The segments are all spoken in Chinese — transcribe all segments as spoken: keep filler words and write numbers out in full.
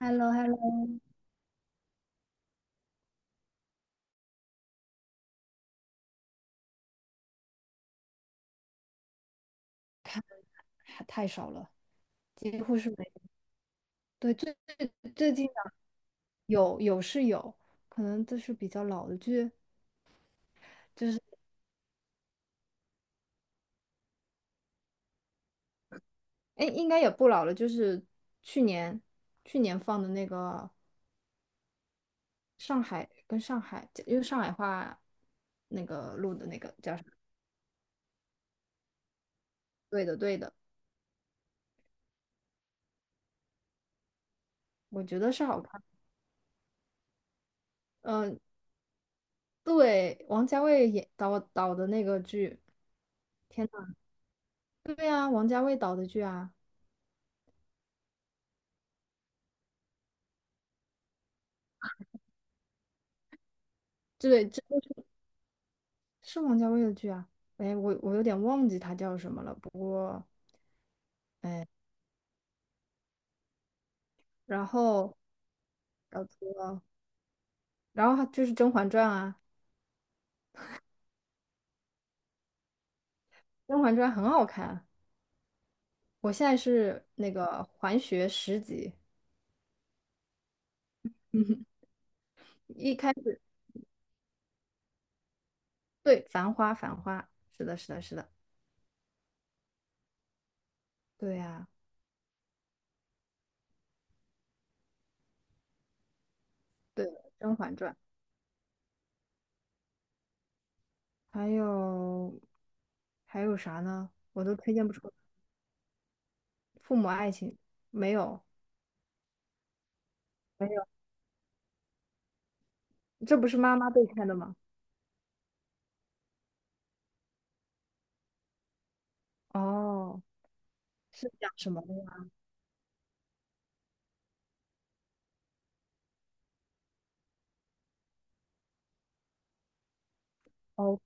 h e l l o h e l l o 太少了，几乎是没。对，最最最近的有有是有，可能这是比较老的剧，就是哎，应该也不老了，就是去年去年放的那个上海跟上海，因为上海话那个录的那个叫啥？对的，对的，我觉得是好看。嗯、对，王家卫演导导的那个剧，天呐，对啊，王家卫导的剧啊，对，这是王家卫的剧啊，哎，我我有点忘记他叫什么了。不过，然后搞错了，然后还就是《甄嬛传》啊，《甄嬛传》很好看。我现在是那个环学十级。一开始对《繁花》，《繁花》是的，是的，是的，对呀、对，《甄嬛传》，还有还有啥呢？我都推荐不出来。父母爱情，没有，没有，这不是妈妈被看的吗？哦，是讲什么的呀？哦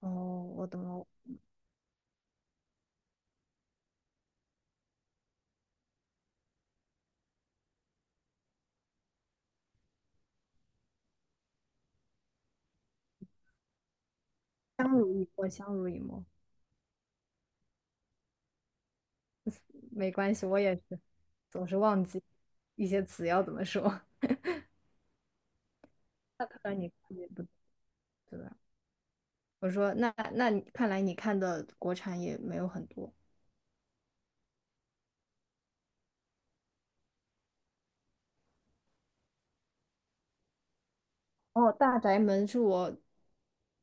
哦，我懂了。相濡以沫，相濡以沫。没关系，我也是，总是忘记一些词要怎么说。那看来你看也不对吧？我说那那你看来你看的国产也没有很多。哦，《大宅门》是我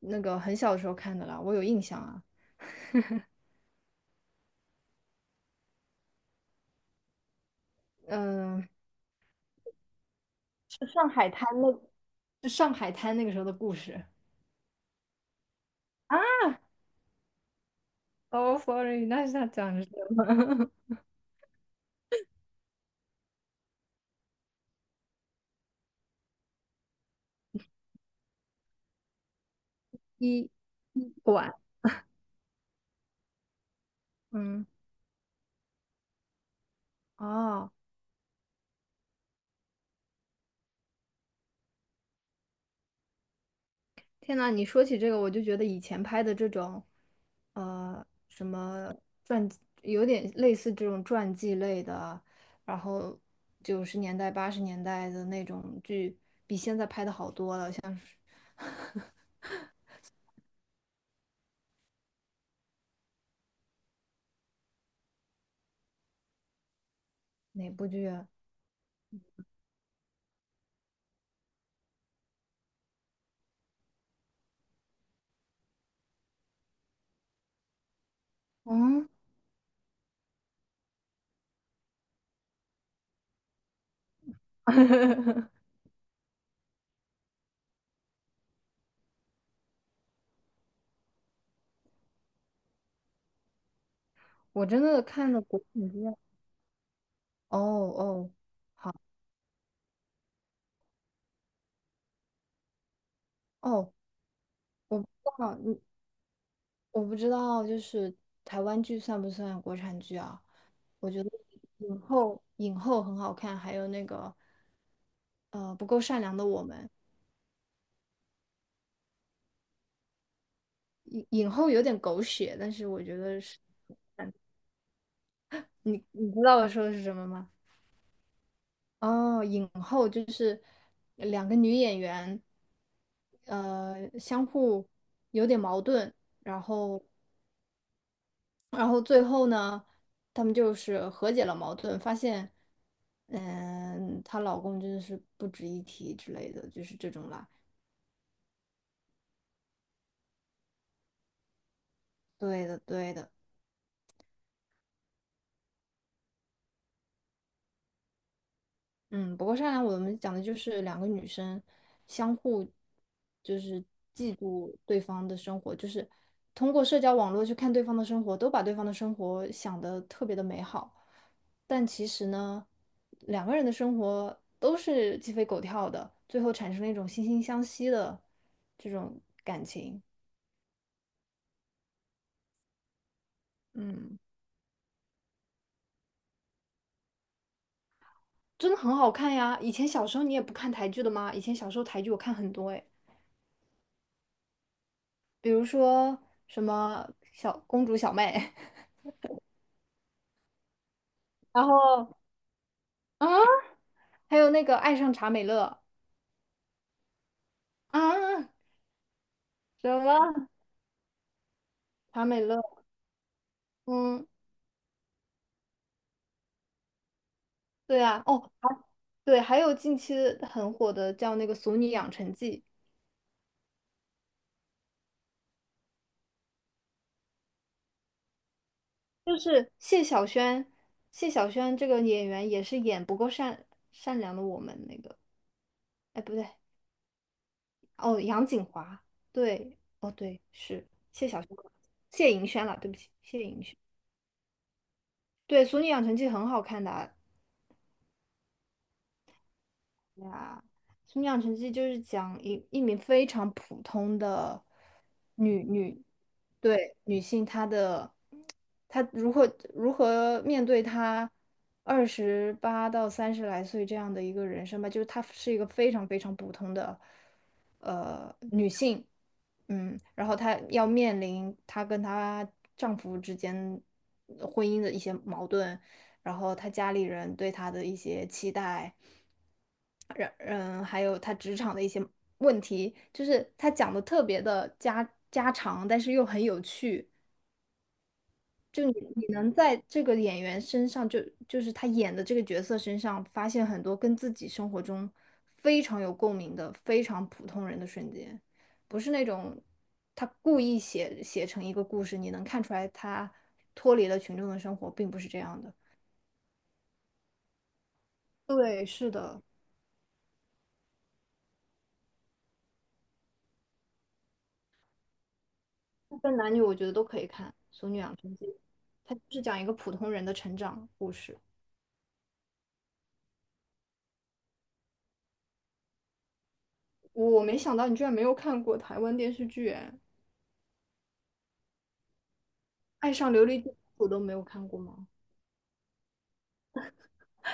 那个很小的时候看的啦，我有印象啊。嗯，是上海滩那，是上海滩那个时候的故事。哦，sorry，那是他讲的是一一馆，嗯，哦。天呐，你说起这个，我就觉得以前拍的这种，呃，什么传，有点类似这种传记类的，然后九十年代、八十年代的那种剧，比现在拍的好多了。哪部剧啊？嗯，我真的看的国产剧啊。哦哦哦，我不知道，我不知道，就是台湾剧算不算国产剧啊？我觉得影后影后很好看，还有那个呃不够善良的我们，影影后有点狗血，但是我觉得是你你知道我说的是什么吗？哦，影后就是两个女演员，呃，相互有点矛盾，然后然后最后呢，他们就是和解了矛盾，发现，嗯，她老公真的是不值一提之类的，就是这种啦。对的，对的。嗯，不过善良》我们讲的就是两个女生相互就是嫉妒对方的生活，就是通过社交网络去看对方的生活，都把对方的生活想得特别的美好，但其实呢，两个人的生活都是鸡飞狗跳的，最后产生了一种惺惺相惜的这种感情。嗯，真的很好看呀！以前小时候你也不看台剧的吗？以前小时候台剧我看很多诶，比如说什么小公主小妹。然后啊，还有那个爱上查美乐啊，什么查美乐？嗯，对啊，哦，还对，还有近期很火的叫那个《俗女养成记》，就是谢小轩，谢小轩这个演员也是演不够善善良的我们那个，哎，不对，哦，杨谨华，对，哦对，是谢小轩，谢盈轩了，对不起，谢盈轩，对，《俗女养成记》很好看的啊呀，《速女养成绩就是讲一一名非常普通的女女，对女性，她的她如何如何面对她二十八到三十来岁这样的一个人生吧，就是她是一个非常非常普通的呃女性，嗯，然后她要面临她跟她丈夫之间婚姻的一些矛盾，然后他家里人对他的一些期待，然嗯，还有他职场的一些问题，就是他讲的特别的家家常，但是又很有趣。就你你能在这个演员身上就，就是他演的这个角色身上，发现很多跟自己生活中非常有共鸣的、非常普通人的瞬间，不是那种他故意写写成一个故事，你能看出来他脱离了群众的生活，并不是这样的。对，是的。不分男女，我觉得都可以看《俗女养成记》，它就是讲一个普通人的成长故事。我没想到你居然没有看过台湾电视剧，哎，《爱上琉璃金我都没有看过吗？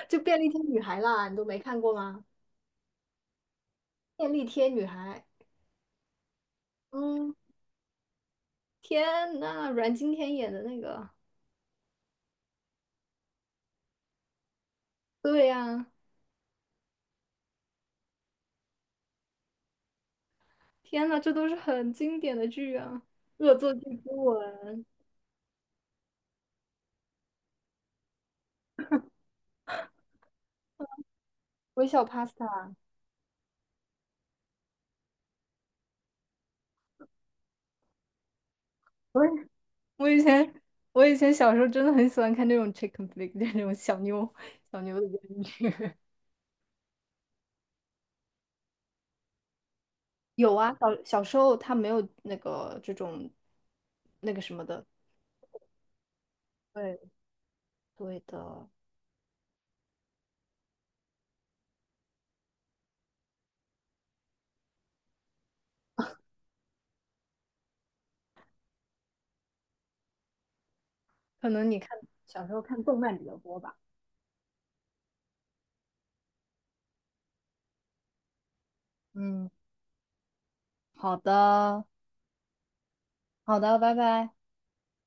就《便利贴女孩》啦，你都没看过吗？《便利贴女孩》，嗯，天呐，阮经天演的那个，对呀、天呐，这都是很经典的剧啊，《恶作剧之吻》，《微笑 Pasta》。我以前我以前小时候真的很喜欢看这种 chicken flick，就是那种小妞小妞的电视剧。有啊，小小时候他没有那个这种那个什么的。对，对的，可能你看小时候看动漫比较多吧。嗯，好的，好的，拜拜。